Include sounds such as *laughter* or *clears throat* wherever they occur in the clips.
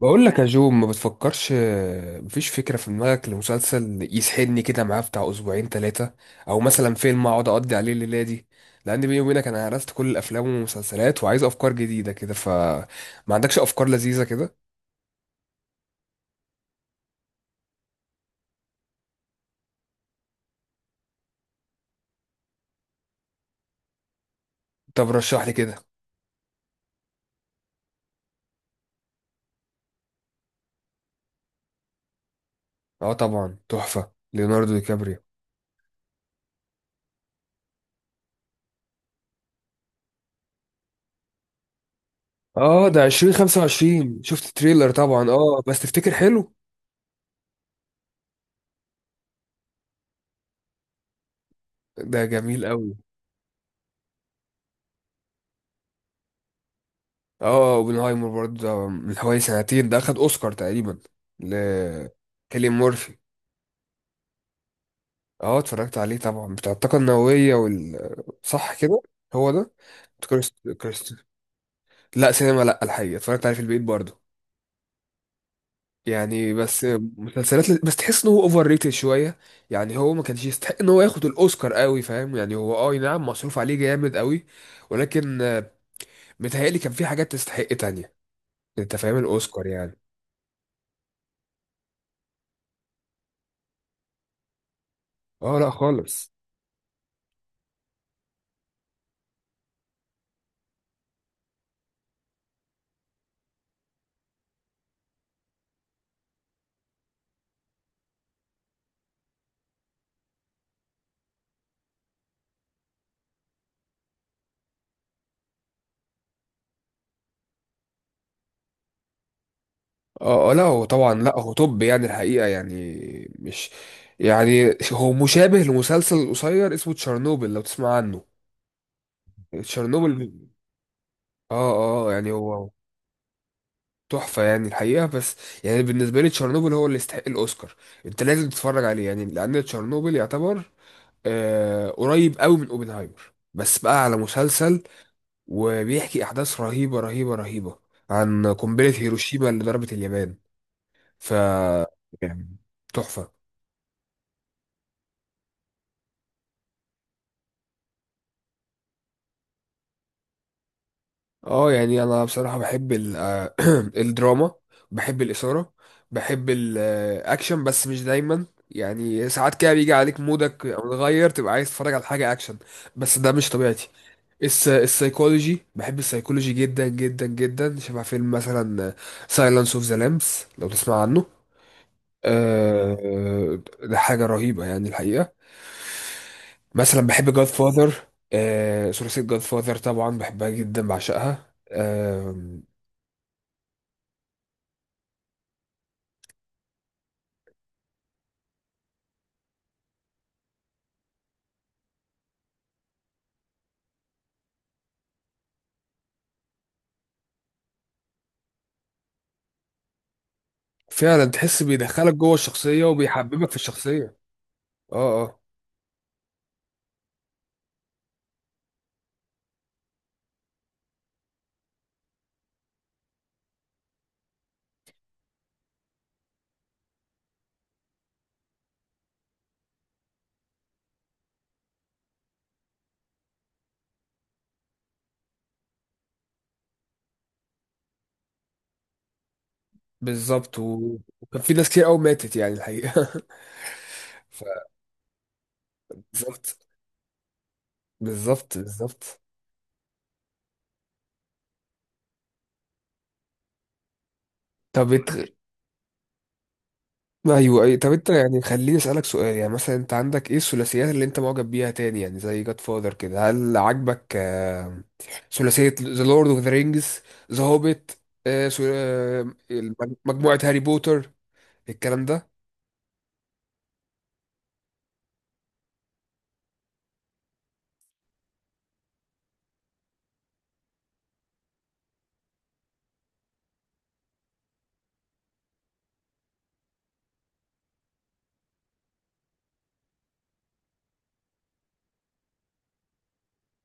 بقول لك يا جو، ما بتفكرش؟ مفيش فكرة في دماغك لمسلسل يسحلني كده معاه بتاع 2 أو 3 أسابيع، أو مثلا فيلم أقعد أقضي عليه الليلة دي؟ لأن بيني وبينك أنا هرست كل الأفلام والمسلسلات وعايز أفكار جديدة كده. فما عندكش أفكار لذيذة كده؟ طب رشح لي كده. أه طبعا، تحفة ليوناردو دي كابريو. أه ده 2025، شفت تريلر طبعا، أه بس تفتكر حلو؟ ده جميل أوي. أه اوبنهايمر برضه، ده من حوالي سنتين، ده أخد أوسكار تقريبا ل كيليان مورفي. اه اتفرجت عليه طبعا، بتاع الطاقة النووية وال، صح كده؟ هو ده. كريست كريست لا سينما، لا الحقيقة اتفرجت عليه في البيت برضه، يعني بس. مسلسلات بس تحس ان هو اوفر ريتد شوية، يعني هو ما كانش يستحق ان هو ياخد الاوسكار قوي، فاهم يعني؟ هو اه نعم مصروف عليه جامد قوي، ولكن متهيألي كان في حاجات تستحق تانية. انت فاهم الاوسكار يعني. اه لا خالص. اه لا هو طبعا، لا هو توب يعني الحقيقة، يعني مش، يعني هو مشابه لمسلسل قصير اسمه تشيرنوبل، لو تسمع عنه. تشيرنوبل، اه اه يعني هو تحفة يعني الحقيقة. بس يعني بالنسبة لي تشيرنوبل هو اللي يستحق الأوسكار. انت لازم تتفرج عليه يعني، لأن تشيرنوبل يعتبر آه قريب قوي من اوبنهايمر، بس بقى على مسلسل. وبيحكي أحداث رهيبة رهيبة رهيبة عن قنبلة هيروشيما اللي ضربت اليابان. ف، يعني تحفة. اه يعني انا بصراحة بحب ال *clears throat* الدراما، بحب الإثارة، بحب الاكشن بس مش دايما. يعني ساعات كده بيجي عليك مودك متغير، تبقى عايز تتفرج على حاجة اكشن، بس ده مش طبيعتي. السايكولوجي، بحب السايكولوجي جدا جدا جدا، شبه فيلم مثلا سايلانس اوف ذا لامبس لو تسمع عنه. آه، ده حاجة رهيبة يعني الحقيقة. مثلا بحب جاد فاذر، ثلاثية جاد فاذر طبعا بحبها جدا، بعشقها. فعلا تحس بيدخلك جوه الشخصية وبيحببك في الشخصية. اه اه. بالظبط، وكان في ناس كتير قوي ماتت يعني الحقيقة. *laughs* ف- بالظبط، بالظبط بالظبط. طب انت، ايوه اي طب انت يعني خليني اسالك سؤال، يعني مثلا انت عندك ايه الثلاثيات اللي انت معجب بيها تاني يعني زي جاد فاذر كده؟ هل عاجبك ثلاثيه ذا لورد اوف ذا رينجز، ذا هوبيت، مجموعه هاري بوتر، الكلام ده؟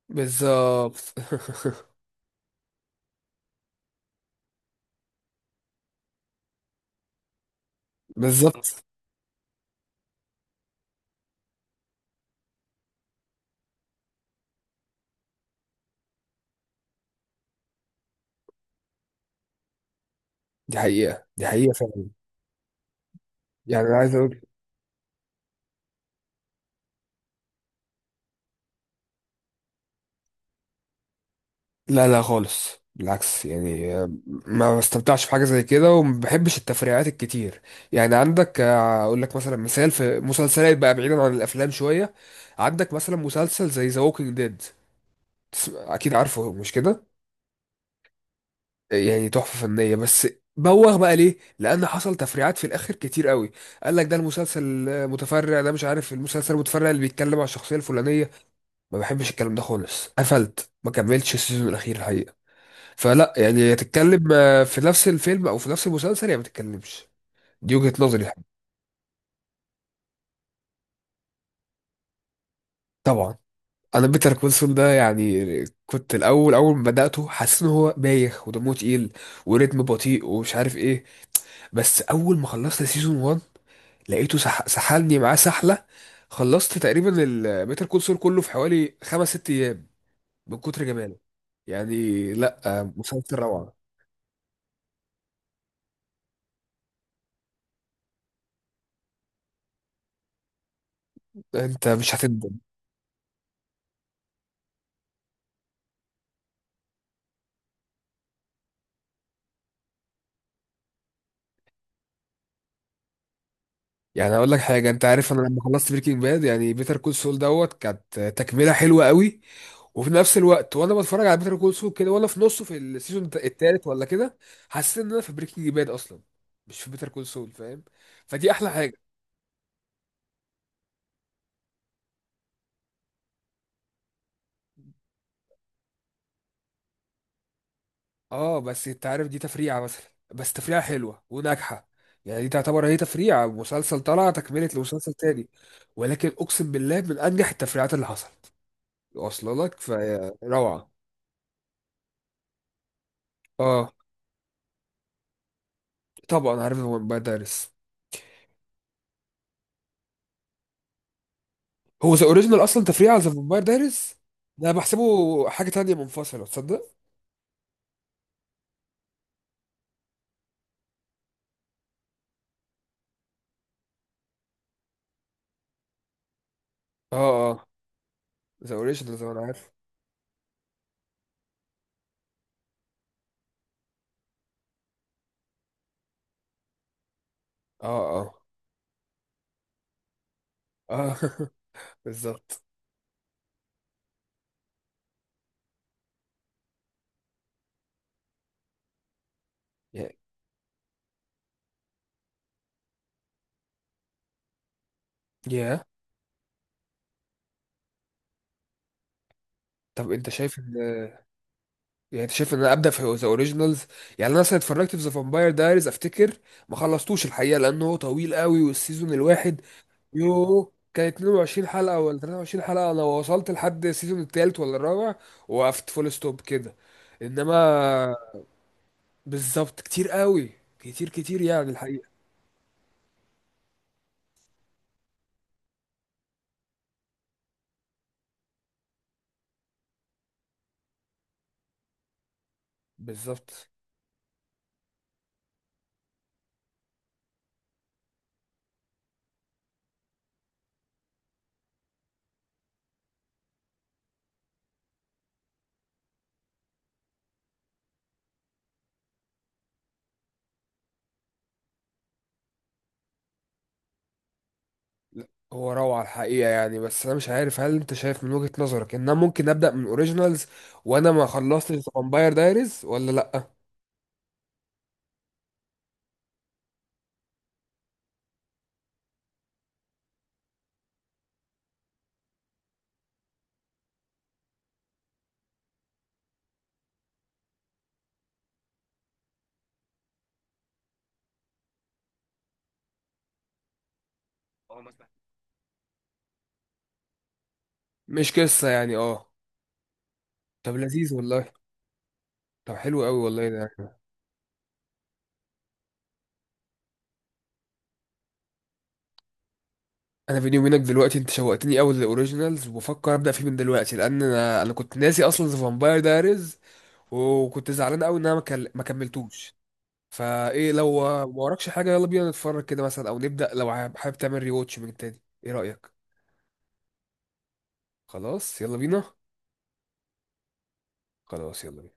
بالظبط. *laughs* بالظبط، دي حقيقه، دي حقيقه فعلا. يعني انا عايز اقول، لا لا خالص بالعكس يعني. ما بستمتعش في حاجة زي كده، وما بحبش التفريعات الكتير. يعني عندك، اقول لك مثلا مثال، في مسلسلات بقى بعيدا عن الافلام شوية، عندك مثلا مسلسل زي ذا ووكينج ديد، اكيد عارفه مش كده؟ يعني تحفة فنية، بس بوغ بقى، ليه؟ لان حصل تفريعات في الاخر كتير قوي. قال لك ده المسلسل متفرع، ده مش عارف المسلسل المتفرع اللي بيتكلم عن الشخصية الفلانية. ما بحبش الكلام ده خالص، قفلت ما كملتش السيزون الاخير الحقيقة. فلا يعني، يا تتكلم في نفس الفيلم او في نفس المسلسل، يا ما تتكلمش. دي وجهة نظري يعني. طبعا. انا بيتر كونسون ده يعني، كنت الاول اول ما بداته حاسس ان هو بايخ ودمه تقيل، وريتم بطيء ومش عارف ايه. بس اول ما خلصت سيزون 1، لقيته سحلني معاه سحله. خلصت تقريبا بيتر كونسول كله في حوالي 5 أو 6 ايام من كتر جماله يعني. لا مسلسل روعه، انت مش هتندم. يعني اقول لك حاجه، انت عارف انا لما خلصت بريكنج باد، يعني بيتر كول سول دوت كانت تكمله حلوه قوي. وفي نفس الوقت وانا بتفرج على بيتر كول سول كده، وانا في نصه في السيزون التالت ولا كده، حسيت ان انا في بريكنج باد اصلا، مش في بيتر كول سول، فاهم؟ فدي احلى حاجه. اه بس انت عارف دي تفريعه مثلا، بس تفريعه حلوه وناجحه. يعني دي تعتبر هي تفريعه مسلسل طلع تكمله لمسلسل تاني، ولكن اقسم بالله من انجح التفريعات اللي حصلت. واصله لك فروعه. اه طبعا عارف، هو باد دارس. هو ذا اوريجينال اصلا تفريع على ذا فامباير دايريز. ده أنا بحسبه حاجه تانية منفصله، تصدق؟ اه اه. ذا اوريجينال زي ما انا عارف. اه اه اه. *laughs* بالظبط. يا يا طب انت شايف ان، يعني انت شايف ان انا ابدا في ذا اوريجينالز؟ يعني انا مثلا اتفرجت في ذا فامباير دايريز، افتكر ما خلصتوش الحقيقه، لانه طويل قوي، والسيزون الواحد يو كان 22 حلقه ولا 23 حلقه. انا وصلت لحد السيزون الثالث ولا الرابع، وقفت فول ستوب كده. انما، بالظبط كتير قوي، كتير كتير يعني الحقيقة. بالظبط. لا، هو روعة الحقيقة يعني. بس أنا مش عارف، هل أنت شايف من وجهة نظرك إن أنا ممكن أبدأ من أوريجينالز وأنا ما خلصتش فامباير دايريز ولا لأ؟ اه مثلا، مش قصة يعني أه. طب لذيذ والله. طب حلو قوي والله ده. أنا بيني وبينك دلوقتي أنت شوقتني أوي للأوريجينالز، وبفكر أبدأ فيه من دلوقتي، لأن أنا كنت ناسي أصلا ذا فامباير دايريز، وكنت زعلان أوي إن أنا ما كل- ما كملتوش. فايه لو ما وراكش حاجه، يلا بينا نتفرج كده مثلا، او نبدا لو حابب، تعمل ريواتش من تاني، ايه رايك؟ خلاص يلا بينا. خلاص يلا بينا.